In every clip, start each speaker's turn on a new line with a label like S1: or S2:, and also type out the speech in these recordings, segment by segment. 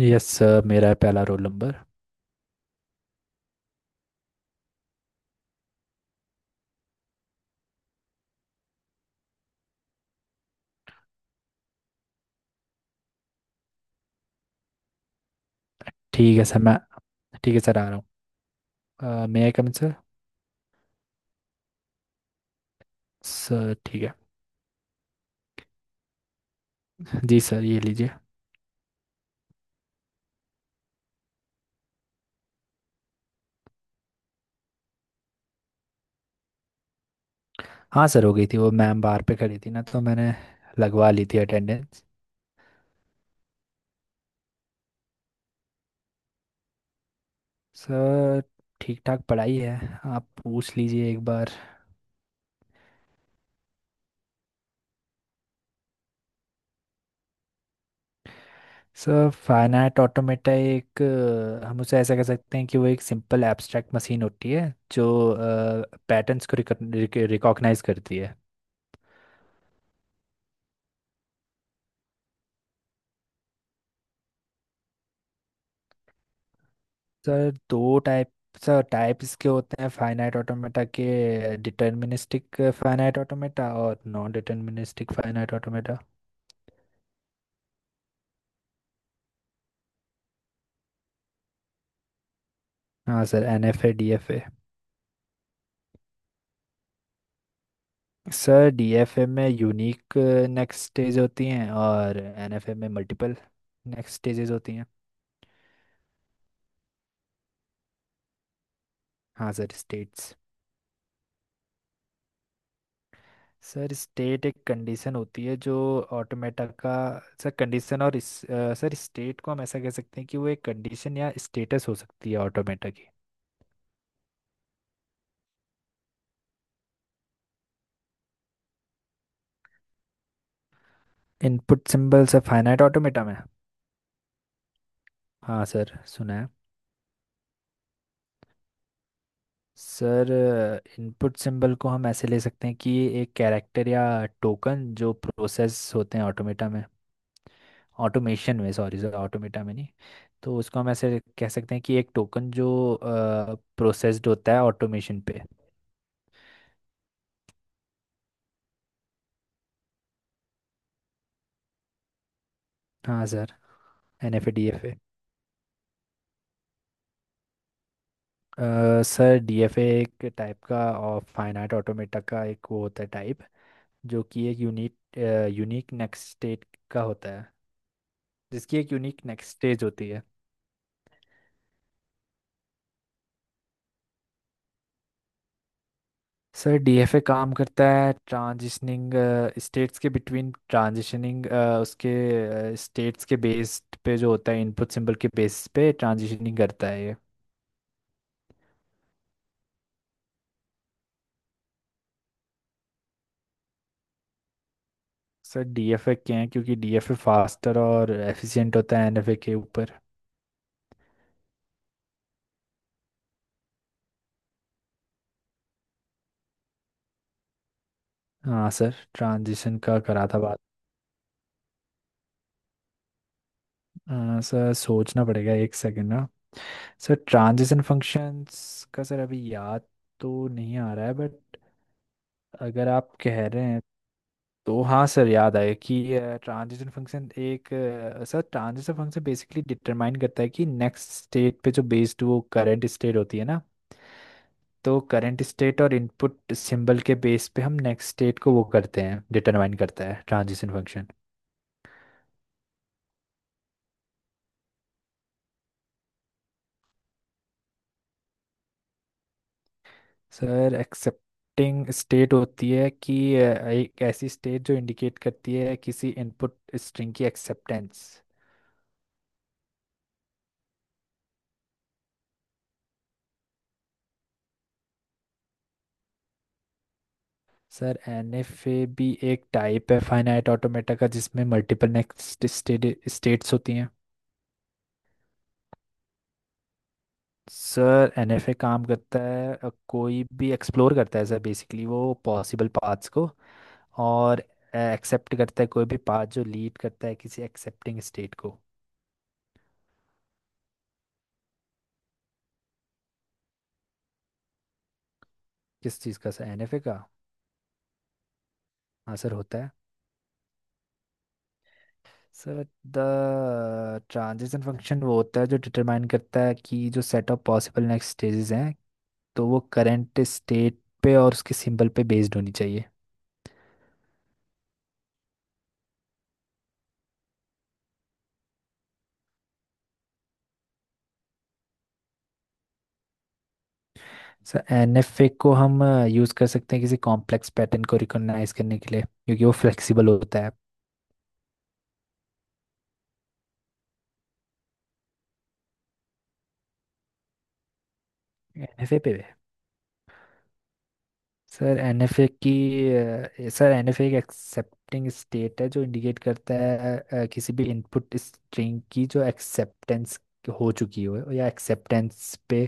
S1: Yes sir, मेरा है पहला रोल नंबर। ठीक है सर, मैं ठीक है सर, आ रहा हूँ। May I come in sir. Sir ठीक है। जी सर, ये लीजिए। हाँ सर, हो गई थी। वो मैम बाहर पे खड़ी थी ना, तो मैंने लगवा ली थी अटेंडेंस। सर ठीक ठाक पढ़ाई है। आप पूछ लीजिए एक बार। सर फाइनाइट ऑटोमेटा एक हम उसे ऐसा कह सकते हैं कि वो एक सिंपल एब्स्ट्रैक्ट मशीन होती है जो पैटर्न्स को रिकॉग्नाइज करती है। सर दो टाइप। सर टाइप इसके होते हैं फाइनाइट ऑटोमेटा के, डिटर्मिनिस्टिक फाइनाइट ऑटोमेटा और नॉन डिटर्मिनिस्टिक फाइनाइट ऑटोमेटा। हाँ sir, N F A D F A. Sir D F A में यूनिक नेक्स्ट स्टेज होती हैं और एन एफ ए में मल्टीपल नेक्स्ट स्टेजेस होती हैं। हाँ सर, स्टेट्स। सर स्टेट एक कंडीशन होती है जो ऑटोमेटा का सर कंडीशन और सर स्टेट को हम ऐसा कह सकते हैं कि वो एक कंडीशन या स्टेटस हो सकती है ऑटोमेटा की। इनपुट सिंबल्स फाइनाइट ऑटोमेटा में। हाँ सर, सुना है। सर इनपुट सिंबल को हम ऐसे ले सकते हैं कि ये एक कैरेक्टर या टोकन जो प्रोसेस होते हैं ऑटोमेटा में, ऑटोमेशन में, सॉरी सर ऑटोमेटा में नहीं, तो उसको हम ऐसे कह सकते हैं कि एक टोकन जो प्रोसेस्ड होता है ऑटोमेशन पे। हाँ sir, N F A D F A. Sir D F A एक टाइप का और फाइनाइट ऑटोमेटा का एक वो होता है टाइप, जो कि एक यूनिक यूनिक नेक्स्ट स्टेट का होता है, जिसकी एक यूनिक नेक्स्ट स्टेज होती है। सर डीएफए काम करता है ट्रांजिशनिंग स्टेट्स के बिटवीन, ट्रांजिशनिंग उसके स्टेट्स के बेस पे, जो होता है इनपुट सिंबल के बेस पे ट्रांजिशनिंग करता है ये। सर डीएफए क्या है, क्योंकि डीएफए फास्टर और एफिशिएंट होता है एनएफए के ऊपर। हाँ सर, ट्रांजिशन का करा था बात। सर सोचना पड़ेगा एक सेकंड ना। सर ट्रांजिशन फंक्शंस का सर अभी याद तो नहीं आ रहा है, बट अगर आप कह रहे हैं तो, हाँ सर याद आया कि ट्रांजिशन फंक्शन एक sir transition function basically determine करता है कि नेक्स्ट स्टेट पे जो बेस्ड वो करंट स्टेट होती है ना, तो करंट स्टेट और इनपुट सिंबल के बेस पे हम नेक्स्ट स्टेट को वो करते हैं, डिटरमाइन करता है transition function. Sir accepting state होती है कि एक ऐसी स्टेट जो इंडिकेट करती है किसी इनपुट स्ट्रिंग की एक्सेप्टेंस। सर एनएफए भी एक टाइप है फाइनाइट ऑटोमेटा का, जिसमें मल्टीपल नेक्स्ट स्टेट्स होती हैं। सर एनएफए काम करता है कोई भी एक्सप्लोर करता है सर, बेसिकली वो पॉसिबल पाथ्स को, और एक्सेप्ट करता है कोई भी पाथ जो लीड करता है किसी एक्सेप्टिंग स्टेट को। किस चीज़ का सर, एनएफए का? हाँ सर, होता है। सर द ट्रांजिशन फंक्शन वो होता है जो डिटरमाइन करता है कि जो set of possible next stages हैं, तो वो करंट स्टेट पे और उसके सिंबल पे बेस्ड होनी चाहिए। सर एन एफ ए को हम यूज़ कर सकते हैं किसी कॉम्प्लेक्स पैटर्न को रिकॉग्नाइज करने के लिए, क्योंकि वो फ्लेक्सिबल होता है। एन एफ ए पे। सर एन एफ ए की सर एन एफ ए एक एक्सेप्टिंग स्टेट है जो इंडिकेट करता है किसी भी इनपुट स्ट्रिंग की जो एक्सेप्टेंस हो चुकी हो, या एक्सेप्टेंस पे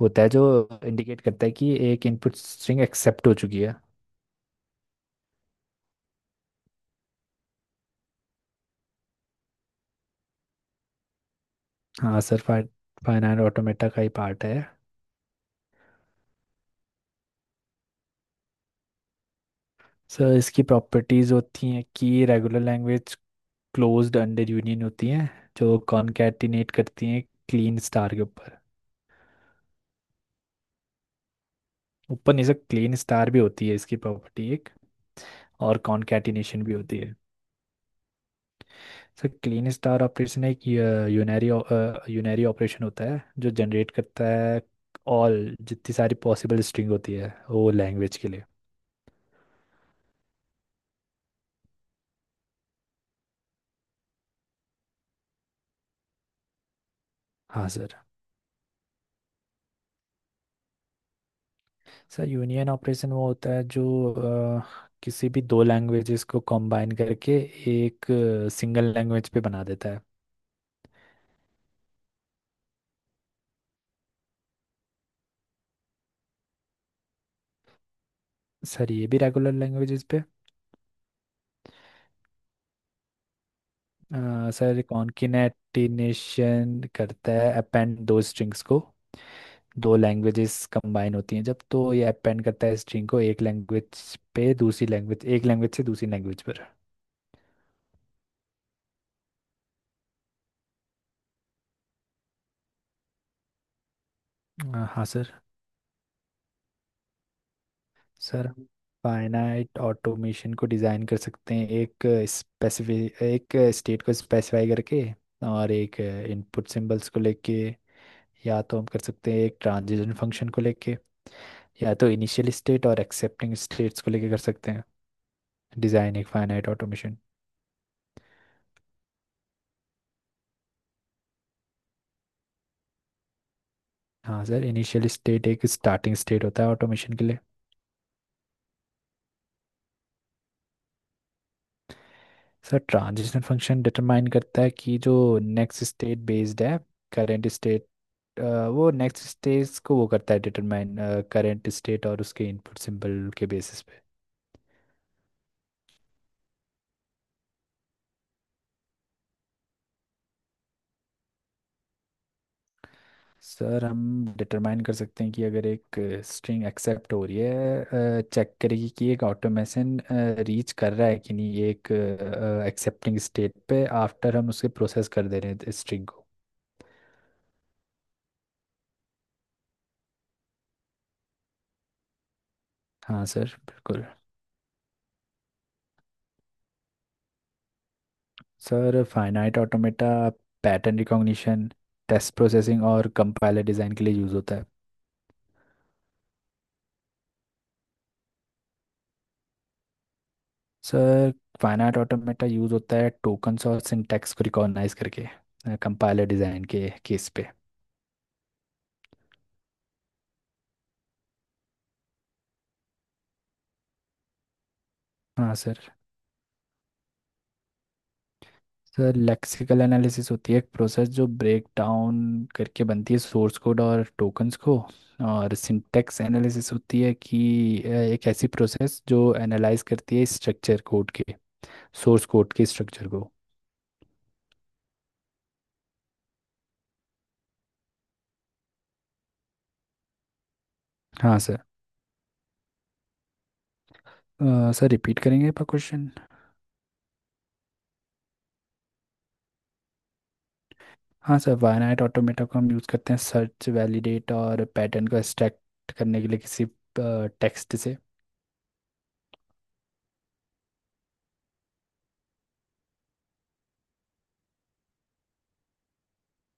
S1: होता है जो इंडिकेट करता है कि एक इनपुट स्ट्रिंग एक्सेप्ट हो चुकी है। हाँ सर, फाइनाइट ऑटोमेटा का ही पार्ट है। सर इसकी प्रॉपर्टीज होती हैं कि regular language closed under union होती हैं, जो कॉनकैटिनेट करती हैं क्लीन स्टार के ऊपर। ऊपर नहीं सर, क्लीन स्टार भी होती है इसकी प्रॉपर्टी एक, और कॉनकैटिनेशन भी होती है। सर क्लीन स्टार ऑपरेशन एक यूनरी यूनरी ऑपरेशन होता है जो जनरेट करता है ऑल, जितनी सारी पॉसिबल स्ट्रिंग होती है वो लैंग्वेज के लिए। हाँ सर। सर यूनियन ऑपरेशन वो होता है जो किसी भी दो लैंग्वेजेस को कंबाइन करके एक सिंगल लैंग्वेज पे बना देता है। सर ये भी रेगुलर लैंग्वेजेस पे सर कॉन्किनेटिनेशन करता है अपेंड दो स्ट्रिंग्स को, दो लैंग्वेजेस कंबाइन होती हैं जब, तो ये अपेंड करता है स्ट्रिंग को एक लैंग्वेज पे दूसरी लैंग्वेज, एक लैंग्वेज से दूसरी लैंग्वेज पर। हाँ सर। सर हम फाइनाइट ऑटोमेशन को डिज़ाइन कर सकते हैं एक स्पेसिफिक एक स्टेट को स्पेसिफाई करके, और एक इनपुट सिंबल्स को लेके, या तो हम कर सकते हैं एक ट्रांजिशन फंक्शन को लेके, या तो इनिशियल स्टेट और एक्सेप्टिंग स्टेट्स को लेके कर सकते हैं डिज़ाइन एक फाइनाइट ऑटोमेशन। हाँ सर, इनिशियल स्टेट एक स्टार्टिंग स्टेट होता है ऑटोमेशन के लिए। सर ट्रांजिशन फंक्शन डिटरमाइन करता है कि जो नेक्स्ट स्टेट बेस्ड है करेंट स्टेट, अ, वो नेक्स्ट स्टेज को वो करता है डिटरमाइन करंट स्टेट और उसके इनपुट सिंबल के बेसिस पे। सर हम डिटरमाइन कर सकते हैं कि अगर एक स्ट्रिंग एक्सेप्ट हो रही है, चेक करेगी कि एक ऑटोमेशन रीच कर रहा है कि नहीं ये एक एक्सेप्टिंग स्टेट पे, आफ्टर हम उसे प्रोसेस कर दे रहे हैं स्ट्रिंग को। हाँ सर बिल्कुल। Sir finite automata pattern recognition, test processing और कंपाइलर डिज़ाइन के लिए यूज़ होता है। सर फाइनाइट ऑटोमेटा यूज़ होता है टोकन्स और सिंटैक्स को रिकॉग्नाइज करके कंपाइलर डिज़ाइन के केस पे। हाँ सर। सर लेक्सिकल एनालिसिस होती है एक प्रोसेस जो ब्रेक डाउन करके बनती है सोर्स कोड और टोकन्स को, और सिंटैक्स एनालिसिस होती है कि एक ऐसी प्रोसेस जो एनालाइज करती है स्ट्रक्चर कोड के, सोर्स कोड के स्ट्रक्चर को। हाँ सर। सर रिपीट करेंगे आपका क्वेश्चन। हाँ सर, वायनाइट ऑटोमेटा को हम यूज़ करते हैं सर्च, वैलिडेट और पैटर्न को एक्सट्रैक्ट करने के लिए किसी टेक्स्ट से।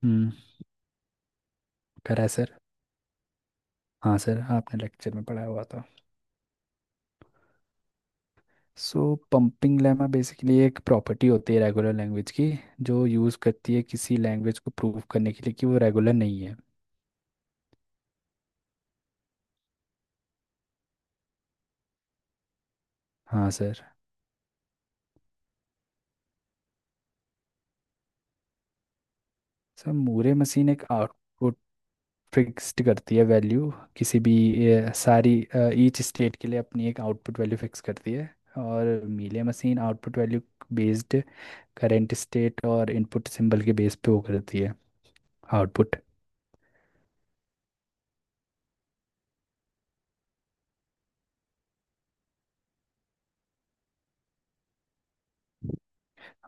S1: हम्म। करा है सर। हाँ सर, आपने लेक्चर में पढ़ाया हुआ था। सो पंपिंग लेमा बेसिकली एक प्रॉपर्टी होती है रेगुलर लैंग्वेज की, जो यूज़ करती है किसी लैंग्वेज को प्रूव करने के लिए कि वो रेगुलर नहीं है। हाँ सर। सर मूरे मशीन एक आउटपुट फिक्स्ड करती है वैल्यू किसी भी सारी ईच स्टेट के लिए अपनी एक आउटपुट वैल्यू फिक्स करती है, और Mealy machine output value based current state और इनपुट सिंबल के बेस पे वो करती है आउटपुट।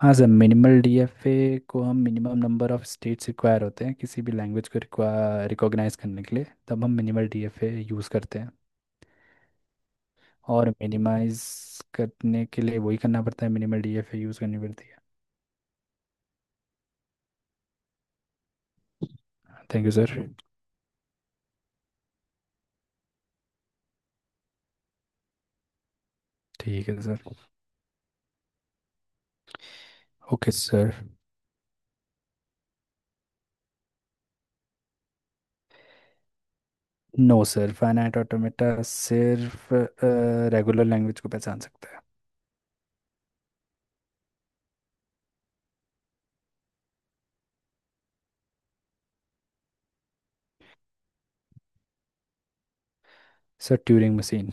S1: हाँ सर, मिनिमल डीएफए को हम, minimum number of states require होते हैं किसी भी लैंग्वेज को रिकॉग्नाइज करने के लिए, तब हम मिनिमल डीएफए यूज़ करते हैं। और मिनिमाइज करने के लिए वही करना पड़ता है, मिनिमल डीएफए यूज़ करनी पड़ती है। Thank you sir. ठीक है sir. Okay sir. No sir, finite automata सिर्फ रेगुलर लैंग्वेज को पहचान सकता है। Sir Turing machine.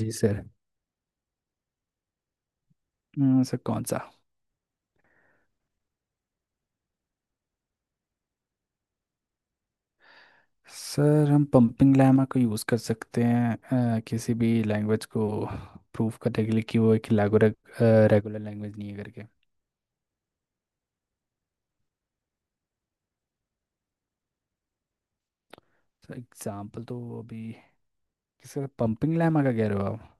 S1: जी सर। सर कौन सा? सर हम पंपिंग लैमा को यूज़ कर सकते हैं किसी भी लैंग्वेज को प्रूव करने के लिए कि वो एक रेगुलर रेगुलर लैंग्वेज नहीं है करके। सर एग्जांपल तो अभी, सर पंपिंग लैमा का कह रहे हो आप?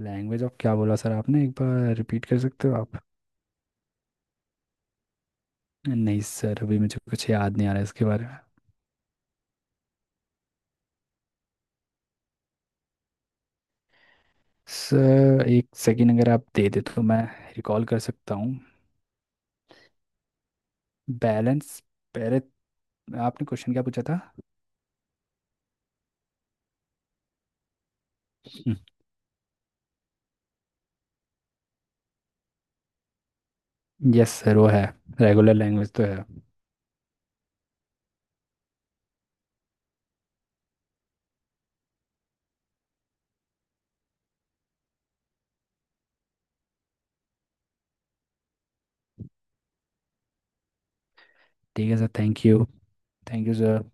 S1: लैंग्वेज ऑफ क्या बोला सर आपने, एक बार रिपीट कर सकते हो आप? नहीं सर, अभी मुझे कुछ याद नहीं आ रहा है इसके बारे में। सर एक सेकंड अगर आप दे दे तो मैं रिकॉल कर सकता हूँ। बैलेंस, पहले आपने क्वेश्चन क्या पूछा था? यस सर, वो है। रेगुलर लैंग्वेज तो है। ठीक है sir, thank you. Thank you sir.